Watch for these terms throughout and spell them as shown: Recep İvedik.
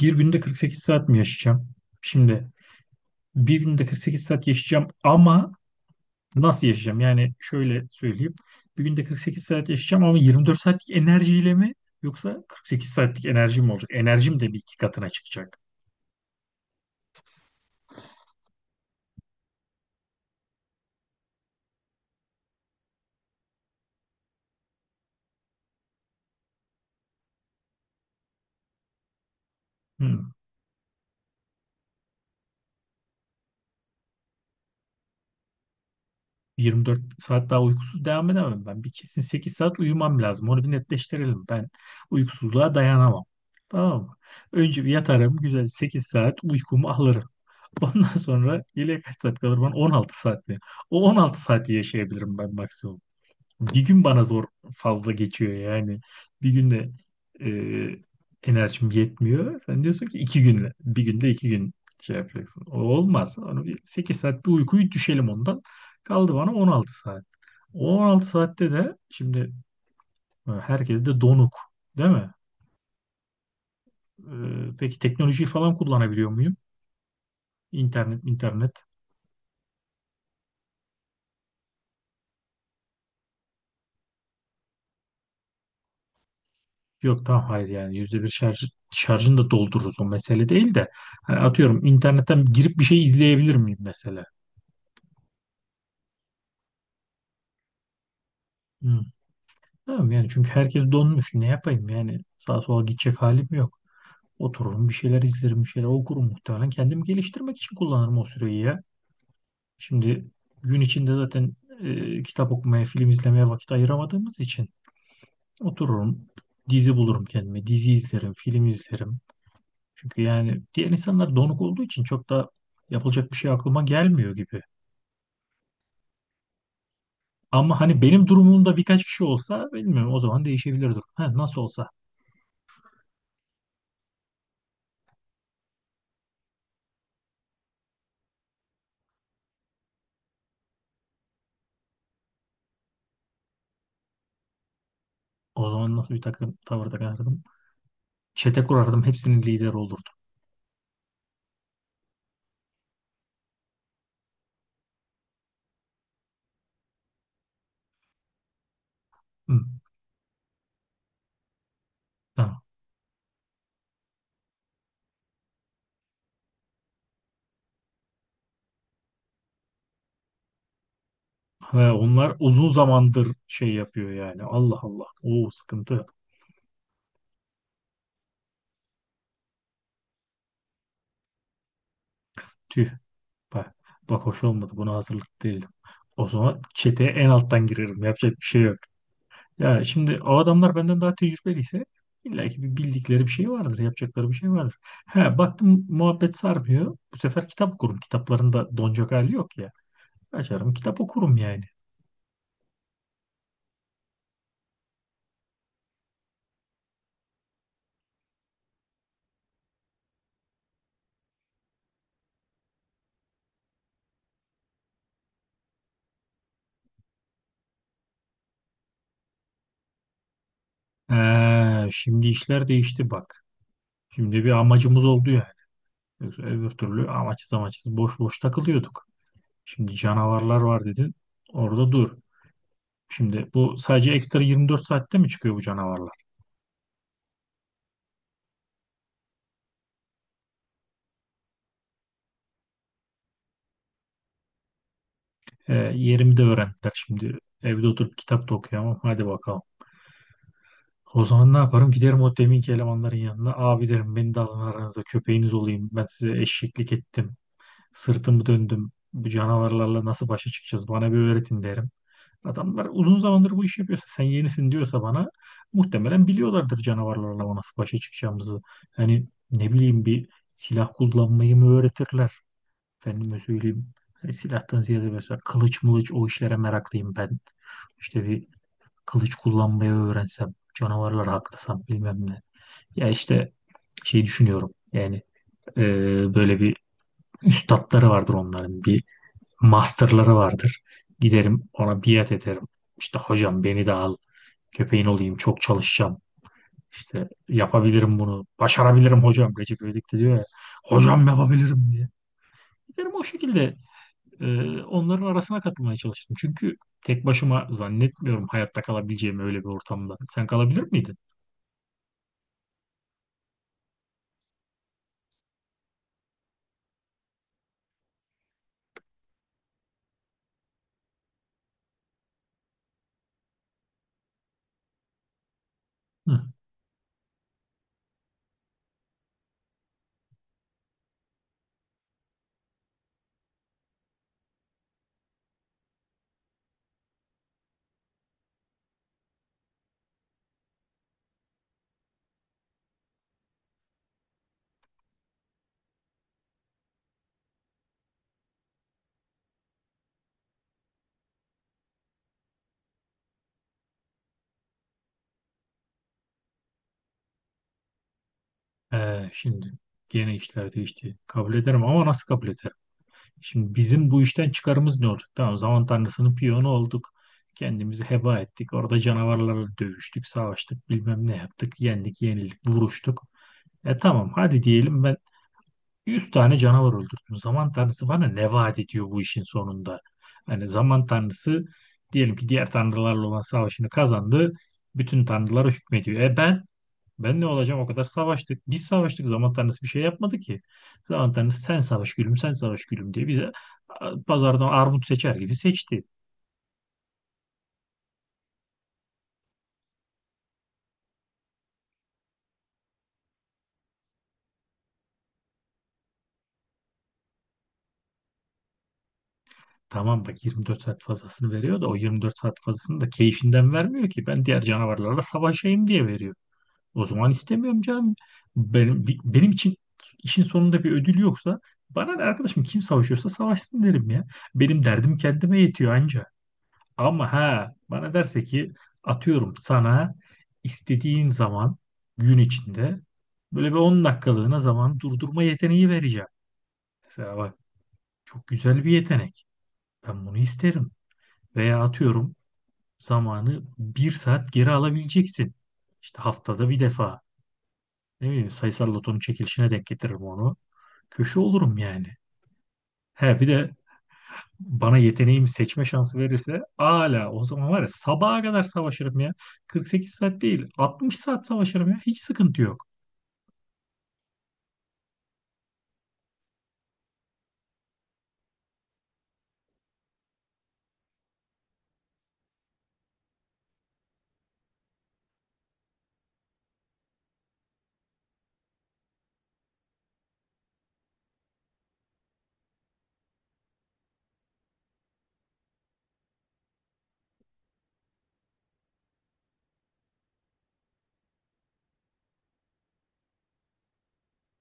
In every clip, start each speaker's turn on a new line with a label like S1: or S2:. S1: Bir günde 48 saat mi yaşayacağım? Şimdi bir günde 48 saat yaşayacağım ama nasıl yaşayacağım? Yani şöyle söyleyeyim. Bir günde 48 saat yaşayacağım ama 24 saatlik enerjiyle mi yoksa 48 saatlik enerjim olacak? Enerjim de bir iki katına çıkacak. Hmm. 24 saat daha uykusuz devam edemem ben. Bir kesin 8 saat uyumam lazım. Onu bir netleştirelim. Ben uykusuzluğa dayanamam. Tamam mı? Önce bir yatarım güzel 8 saat uykumu alırım. Ondan sonra geriye kaç saat kalır bana? 16 saat mi? O 16 saati yaşayabilirim ben maksimum. Bir gün bana zor fazla geçiyor yani. Bir günde enerjim yetmiyor. Sen diyorsun ki iki günle. Bir günde iki gün şey yapacaksın. O olmaz. Onu bir 8 saat bir uykuyu düşelim ondan. Kaldı bana 16 saat. O 16 saatte de şimdi herkes de donuk değil mi? E, peki teknolojiyi falan kullanabiliyor muyum? İnternet, internet. Yok tamam, hayır, yani yüzde bir şarj, şarjını da doldururuz, o mesele değil de hani atıyorum internetten girip bir şey izleyebilir miyim mesela? Hı. Tamam yani çünkü herkes donmuş, ne yapayım yani, sağa sola gidecek halim yok. Otururum bir şeyler izlerim, bir şeyler okurum, muhtemelen kendimi geliştirmek için kullanırım o süreyi ya. Şimdi gün içinde zaten kitap okumaya, film izlemeye vakit ayıramadığımız için otururum, dizi bulurum kendime, dizi izlerim, film izlerim. Çünkü yani diğer insanlar donuk olduğu için çok da yapılacak bir şey aklıma gelmiyor gibi. Ama hani benim durumumda birkaç kişi olsa bilmiyorum, o zaman değişebilir durum. Ha, nasıl olsa o zaman nasıl bir takım tavır takardım? Çete kurardım, hepsinin lideri olurdu. Hı. Ha. Ve onlar uzun zamandır şey yapıyor yani, Allah Allah. O sıkıntı. Tüh. Bak, bak, hoş olmadı, buna hazırlıklı değildim. O zaman çeteye en alttan girerim, yapacak bir şey yok. Ya şimdi o adamlar benden daha tecrübeliyse illa ki bir bildikleri bir şey vardır, yapacakları bir şey vardır. He, baktım muhabbet sarmıyor. Bu sefer kitap okurum. Kitaplarında donacak hali yok ya. Açarım kitap okurum yani. He, şimdi işler değişti bak. Şimdi bir amacımız oldu yani. Yoksa öbür türlü amaçsız amaçsız, boş boş takılıyorduk. Şimdi canavarlar var dedin. Orada dur. Şimdi bu sadece ekstra 24 saatte mi çıkıyor bu canavarlar? He, yerimi de öğrendiler şimdi. Evde oturup kitap da okuyamam. Hadi bakalım. O zaman ne yaparım? Giderim o deminki elemanların yanına. Abi derim, beni de alın aranıza, köpeğiniz olayım. Ben size eşeklik ettim. Sırtımı döndüm. Bu canavarlarla nasıl başa çıkacağız? Bana bir öğretin derim. Adamlar uzun zamandır bu işi yapıyorsa, sen yenisin diyorsa bana, muhtemelen biliyorlardır canavarlarla nasıl başa çıkacağımızı. Hani ne bileyim, bir silah kullanmayı mı öğretirler? Efendime söyleyeyim. Hani silahtan ziyade mesela kılıç mılıç o işlere meraklıyım ben. İşte bir kılıç kullanmayı öğrensem, canavarlar haklasam bilmem ne. Ya işte şey düşünüyorum yani, e, böyle bir üstatları vardır onların, bir masterları vardır. Giderim ona biat ederim. İşte hocam beni de al, köpeğin olayım, çok çalışacağım. İşte yapabilirim bunu. Başarabilirim hocam. Recep İvedik de diyor ya. Hocam yapabilirim diye. Giderim o şekilde e, onların arasına katılmaya çalıştım. Çünkü tek başıma zannetmiyorum hayatta kalabileceğimi öyle bir ortamda. Sen kalabilir miydin? Hı. Ee, şimdi gene işler değişti. Kabul ederim ama nasıl kabul ederim? Şimdi bizim bu işten çıkarımız ne olacak? Tamam, zaman tanrısının piyonu olduk. Kendimizi heba ettik. Orada canavarlarla dövüştük, savaştık, bilmem ne yaptık. Yendik, yenildik, vuruştuk. E tamam, hadi diyelim ben 100 tane canavar öldürdüm. Zaman tanrısı bana ne vaat ediyor bu işin sonunda? Hani zaman tanrısı diyelim ki diğer tanrılarla olan savaşını kazandı. Bütün tanrılara hükmediyor. E ben ne olacağım? O kadar savaştık. Biz savaştık. Zaman tanrısı bir şey yapmadı ki. Zaman tanrısı sen savaş gülüm, sen savaş gülüm diye bize pazardan armut seçer gibi seçti. Tamam bak, 24 saat fazlasını veriyor da o 24 saat fazlasını da keyfinden vermiyor ki. Ben diğer canavarlarla savaşayım diye veriyor. O zaman istemiyorum canım. Benim için işin sonunda bir ödül yoksa bana ne arkadaşım, kim savaşıyorsa savaşsın derim ya. Benim derdim kendime yetiyor anca. Ama ha, bana derse ki atıyorum sana istediğin zaman gün içinde böyle bir 10 dakikalığına zaman durdurma yeteneği vereceğim. Mesela bak, çok güzel bir yetenek. Ben bunu isterim. Veya atıyorum, zamanı bir saat geri alabileceksin. İşte haftada bir defa. Ne bileyim, sayısal lotonun çekilişine denk getiririm onu. Köşe olurum yani. He bir de bana yeteneğimi seçme şansı verirse, ala o zaman var ya, sabaha kadar savaşırım ya. 48 saat değil, 60 saat savaşırım ya. Hiç sıkıntı yok.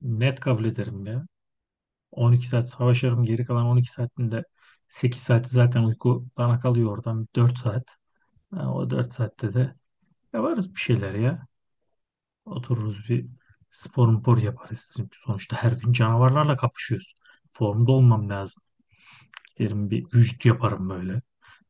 S1: Net kabul ederim ya. 12 saat savaşırım. Geri kalan 12 saatinde 8 saati zaten uyku, bana kalıyor oradan 4 saat. Ha, o 4 saatte de yaparız bir şeyler ya. Otururuz bir spor mpor yaparız. Çünkü sonuçta her gün canavarlarla kapışıyoruz. Formda olmam lazım. Giderim bir vücut yaparım böyle.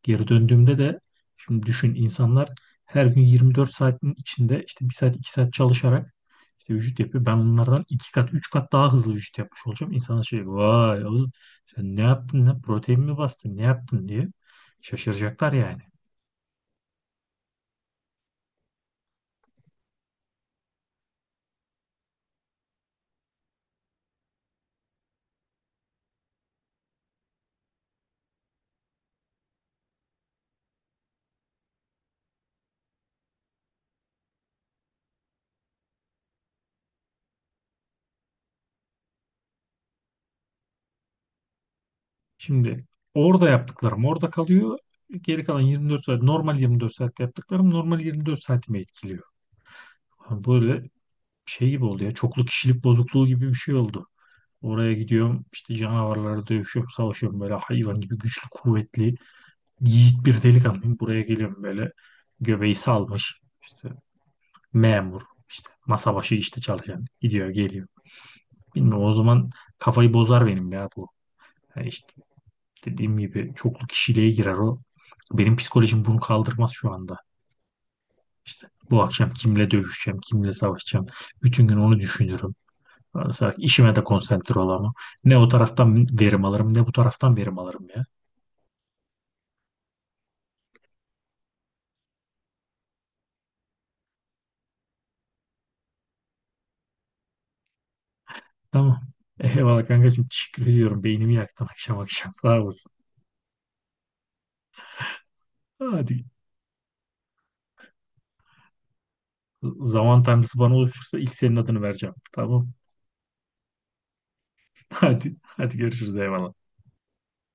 S1: Geri döndüğümde de şimdi düşün, insanlar her gün 24 saatin içinde işte bir saat 2 saat çalışarak işte vücut yapıyor. Ben bunlardan 2 kat 3 kat daha hızlı vücut yapmış olacağım. İnsanlar şey, vay oğlum sen ne yaptın, ne protein mi bastın ne yaptın diye şaşıracaklar yani. Şimdi orada yaptıklarım orada kalıyor. Geri kalan 24 saat, normal 24 saatte yaptıklarım normal 24 saatimi etkiliyor. Böyle şey gibi oldu ya, çoklu kişilik bozukluğu gibi bir şey oldu. Oraya gidiyorum işte canavarlara dövüşüyorum, savaşıyorum, böyle hayvan gibi güçlü, kuvvetli, yiğit bir delikanlıyım. Buraya geliyorum böyle göbeği salmış işte memur, işte masa başı işte çalışan, gidiyor geliyor. Bilmiyorum, o zaman kafayı bozar benim ya bu. Yani işte dediğim gibi çoklu kişiliğe girer o. Benim psikolojim bunu kaldırmaz şu anda. İşte bu akşam kimle dövüşeceğim, kimle savaşacağım. Bütün gün onu düşünürüm. Mesela işime de konsantre olamam. Ne o taraftan verim alırım ne bu taraftan verim alırım ya. Tamam. Eyvallah kankacığım. Teşekkür ediyorum. Beynimi yaktın akşam akşam. Sağ olasın. Hadi. Zaman tanrısı bana oluşursa ilk senin adını vereceğim. Tamam. Hadi. Hadi görüşürüz. Eyvallah.